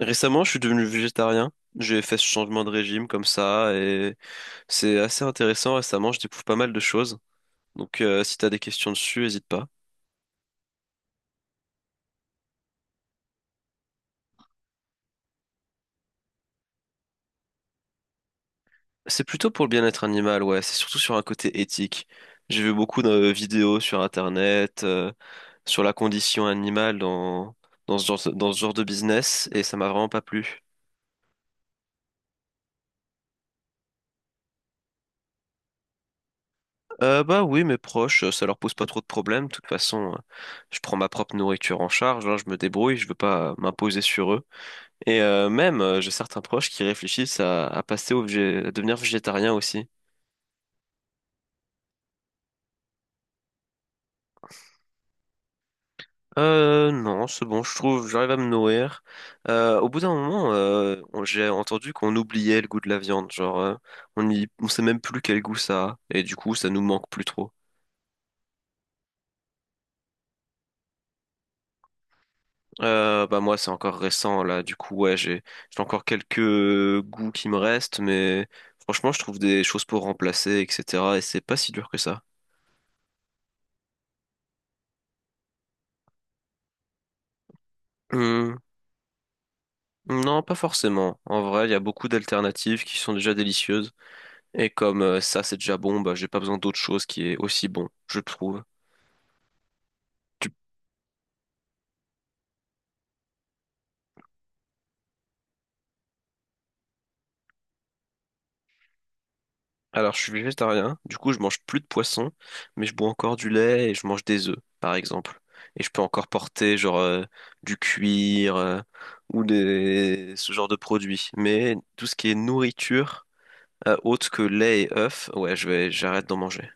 Récemment, je suis devenu végétarien. J'ai fait ce changement de régime comme ça et c'est assez intéressant. Récemment, je découvre pas mal de choses. Donc, si t'as des questions dessus, hésite pas. C'est plutôt pour le bien-être animal, ouais. C'est surtout sur un côté éthique. J'ai vu beaucoup de vidéos sur Internet, sur la condition animale dans ce genre de business et ça m'a vraiment pas plu. Bah oui, mes proches, ça leur pose pas trop de problèmes. De toute façon, je prends ma propre nourriture en charge, hein, je me débrouille. Je veux pas m'imposer sur eux. Et même, j'ai certains proches qui réfléchissent à passer à devenir végétarien aussi. Non, c'est bon, je trouve, j'arrive à me nourrir. Au bout d'un moment, j'ai entendu qu'on oubliait le goût de la viande, genre, on sait même plus quel goût ça a, et du coup, ça nous manque plus trop. Bah moi, c'est encore récent, là, du coup, ouais, j'ai encore quelques goûts qui me restent, mais franchement, je trouve des choses pour remplacer, etc., et c'est pas si dur que ça. Mmh. Non, pas forcément. En vrai, il y a beaucoup d'alternatives qui sont déjà délicieuses. Et comme ça, c'est déjà bon, bah, j'ai pas besoin d'autre chose qui est aussi bon, je trouve. Du- Alors, je suis végétarien, du coup, je mange plus de poisson, mais je bois encore du lait et je mange des œufs, par exemple. Et je peux encore porter, genre, du cuir ou des... ce genre de produits. Mais tout ce qui est nourriture, autre que lait et œufs, ouais, je vais... j'arrête d'en manger.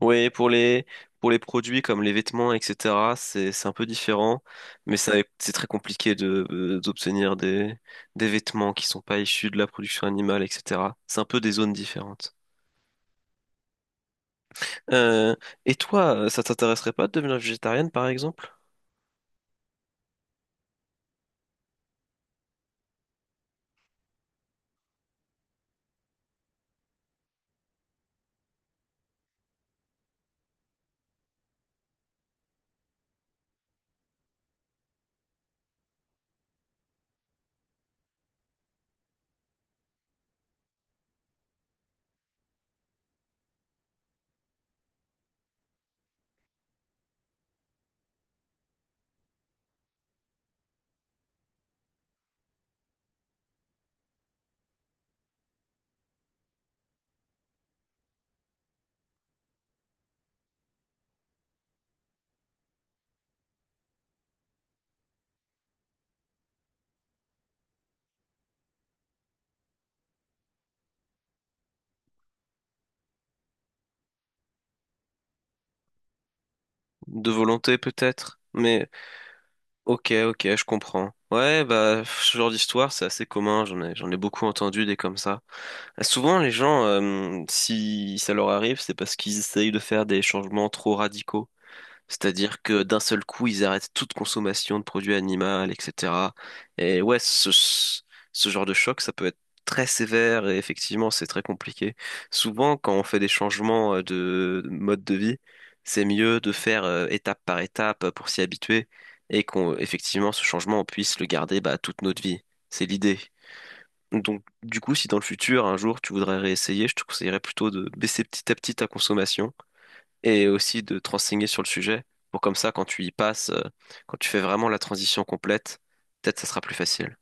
Oui, pour les produits comme les vêtements, etc., c'est un peu différent, mais ça c'est très compliqué de d'obtenir des vêtements qui sont pas issus de la production animale, etc. C'est un peu des zones différentes. Euh, et toi, ça t'intéresserait pas de devenir végétarienne, par exemple? De volonté, peut-être. Mais ok, ok, je comprends. Ouais, bah ce genre d'histoire, c'est assez commun. J'en ai beaucoup entendu des comme ça. Souvent, les gens, si ça leur arrive, c'est parce qu'ils essayent de faire des changements trop radicaux. C'est-à-dire que d'un seul coup, ils arrêtent toute consommation de produits animaux, etc. Et ouais, ce genre de choc, ça peut être très sévère et effectivement, c'est très compliqué. Souvent, quand on fait des changements de mode de vie, c'est mieux de faire étape par étape pour s'y habituer et qu'on, effectivement, ce changement, on puisse le garder bah, toute notre vie. C'est l'idée. Donc, du coup, si dans le futur, un jour, tu voudrais réessayer, je te conseillerais plutôt de baisser petit à petit ta consommation et aussi de te renseigner sur le sujet pour comme ça, quand tu y passes, quand tu fais vraiment la transition complète, peut-être ça sera plus facile.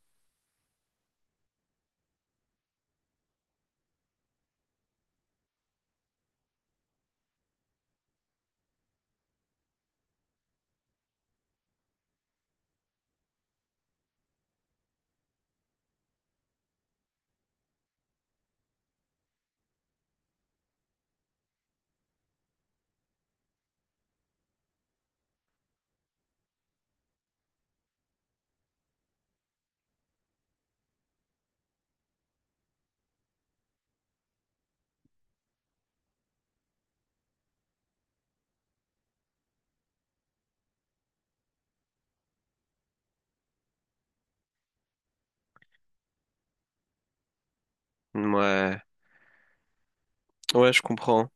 Ouais, ouais, je comprends.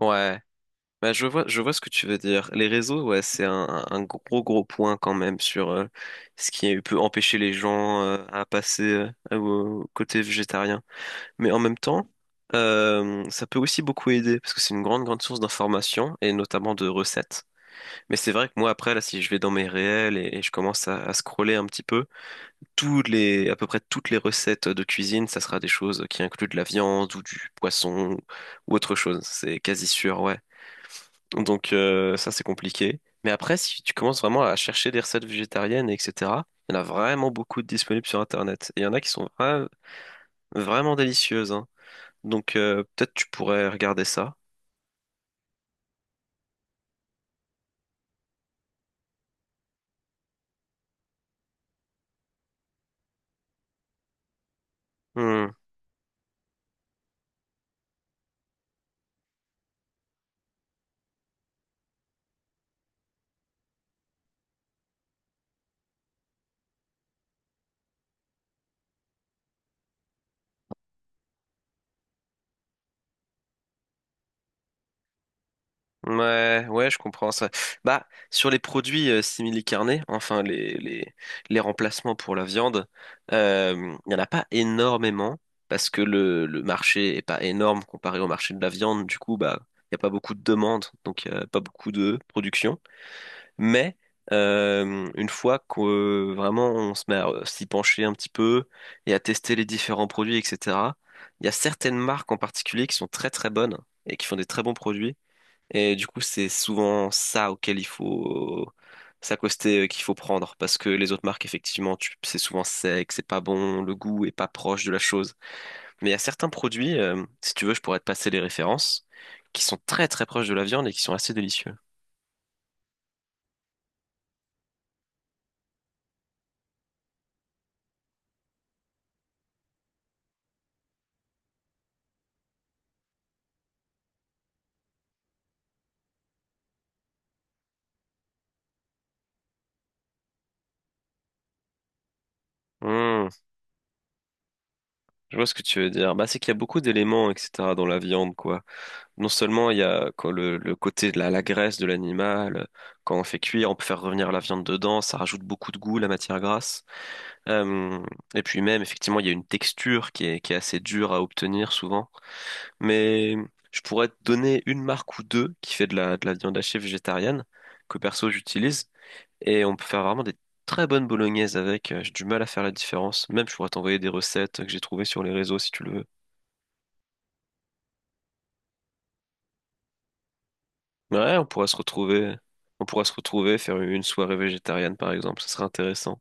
Ouais, bah, je vois ce que tu veux dire. Les réseaux, ouais, c'est un gros gros point quand même sur ce qui peut empêcher les gens à passer au côté végétarien. Mais en même temps, ça peut aussi beaucoup aider parce que c'est une grande grande source d'informations et notamment de recettes. Mais c'est vrai que moi, après, là, si je vais dans mes réels et je commence à scroller un petit peu, à peu près toutes les recettes de cuisine, ça sera des choses qui incluent de la viande ou du poisson ou autre chose. C'est quasi sûr, ouais. Donc, ça, c'est compliqué. Mais après, si tu commences vraiment à chercher des recettes végétariennes, etc., il y en a vraiment beaucoup de disponibles sur Internet. Et il y en a qui sont vraiment délicieuses, hein. Donc, peut-être tu pourrais regarder ça. Hmm. Ouais, ouais, je comprends ça. Bah, sur les produits simili-carnés, enfin les remplacements pour la viande, euh, il n'y en a pas énormément parce que le marché est pas énorme comparé au marché de la viande. Du coup, bah, il n'y a pas beaucoup de demandes, donc il n'y a pas beaucoup de production. Mais une fois que vraiment on se met à s'y pencher un petit peu et à tester les différents produits, etc., il y a certaines marques en particulier qui sont très très bonnes et qui font des très bons produits. Et du coup, c'est souvent ça auquel il faut s'accoster, qu'il faut prendre, parce que les autres marques, effectivement, c'est souvent sec, c'est pas bon, le goût est pas proche de la chose. Mais il y a certains produits, si tu veux, je pourrais te passer les références, qui sont très très proches de la viande et qui sont assez délicieux. Hmm, je vois ce que tu veux dire. Bah, c'est qu'il y a beaucoup d'éléments, etc., dans la viande, quoi. Non seulement il y a quoi, le côté de la graisse de l'animal, quand on fait cuire, on peut faire revenir la viande dedans, ça rajoute beaucoup de goût, la matière grasse. Euh, et puis même, effectivement, il y a une texture qui est assez dure à obtenir souvent. Mais je pourrais te donner une marque ou deux qui fait de de la viande hachée végétarienne, que perso j'utilise. Et on peut faire vraiment des très bonnes bolognaises avec. J'ai du mal à faire la différence. Même, je pourrais t'envoyer des recettes que j'ai trouvées sur les réseaux si tu le veux. Ouais, on pourrait se retrouver. On pourrait se retrouver, faire une soirée végétarienne par exemple. Ce serait intéressant.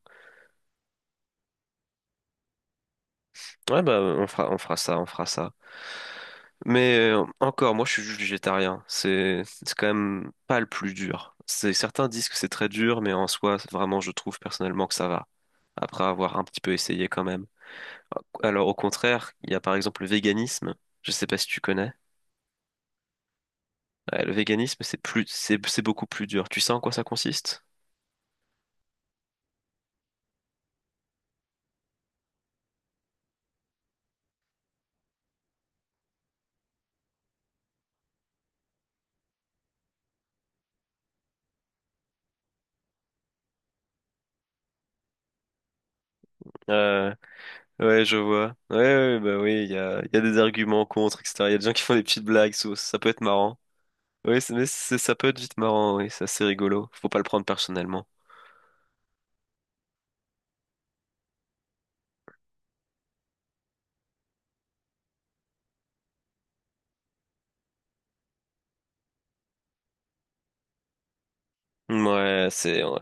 Ouais, bah, on fera ça. Mais encore, moi, je suis juste végétarien. C'est quand même pas le plus dur. C'est, certains disent que c'est très dur, mais en soi, vraiment, je trouve personnellement que ça va. Après avoir un petit peu essayé quand même. Alors, au contraire, il y a par exemple le véganisme. Je sais pas si tu connais. Ouais, le véganisme, c'est beaucoup plus dur. Tu sais en quoi ça consiste? Euh, ouais, je vois. Ouais, ouais, ouais, bah oui, il y a des arguments contre, etc. Il y a des gens qui font des petites blagues, ça peut être marrant. Oui, ça peut être vite marrant, oui, c'est assez rigolo. Faut pas le prendre personnellement. Ouais, c'est ouais.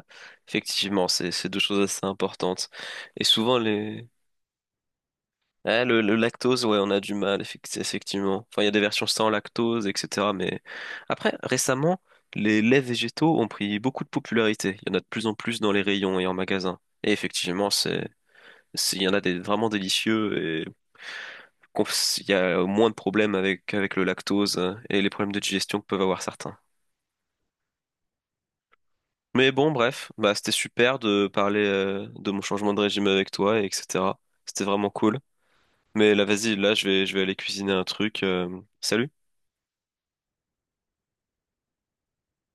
Effectivement, c'est deux choses assez importantes. Et souvent les ouais, le lactose, ouais, on a du mal effectivement. Enfin, il y a des versions sans lactose, etc. Mais après, récemment, les laits végétaux ont pris beaucoup de popularité. Il y en a de plus en plus dans les rayons et en magasin. Et effectivement, il y en a des vraiment délicieux et qu'on- il y a moins de problèmes avec le lactose et les problèmes de digestion que peuvent avoir certains. Mais bon, bref, bah, c'était super de parler de mon changement de régime avec toi, et etc. C'était vraiment cool. Mais là, vas-y, là, je vais aller cuisiner un truc. Salut!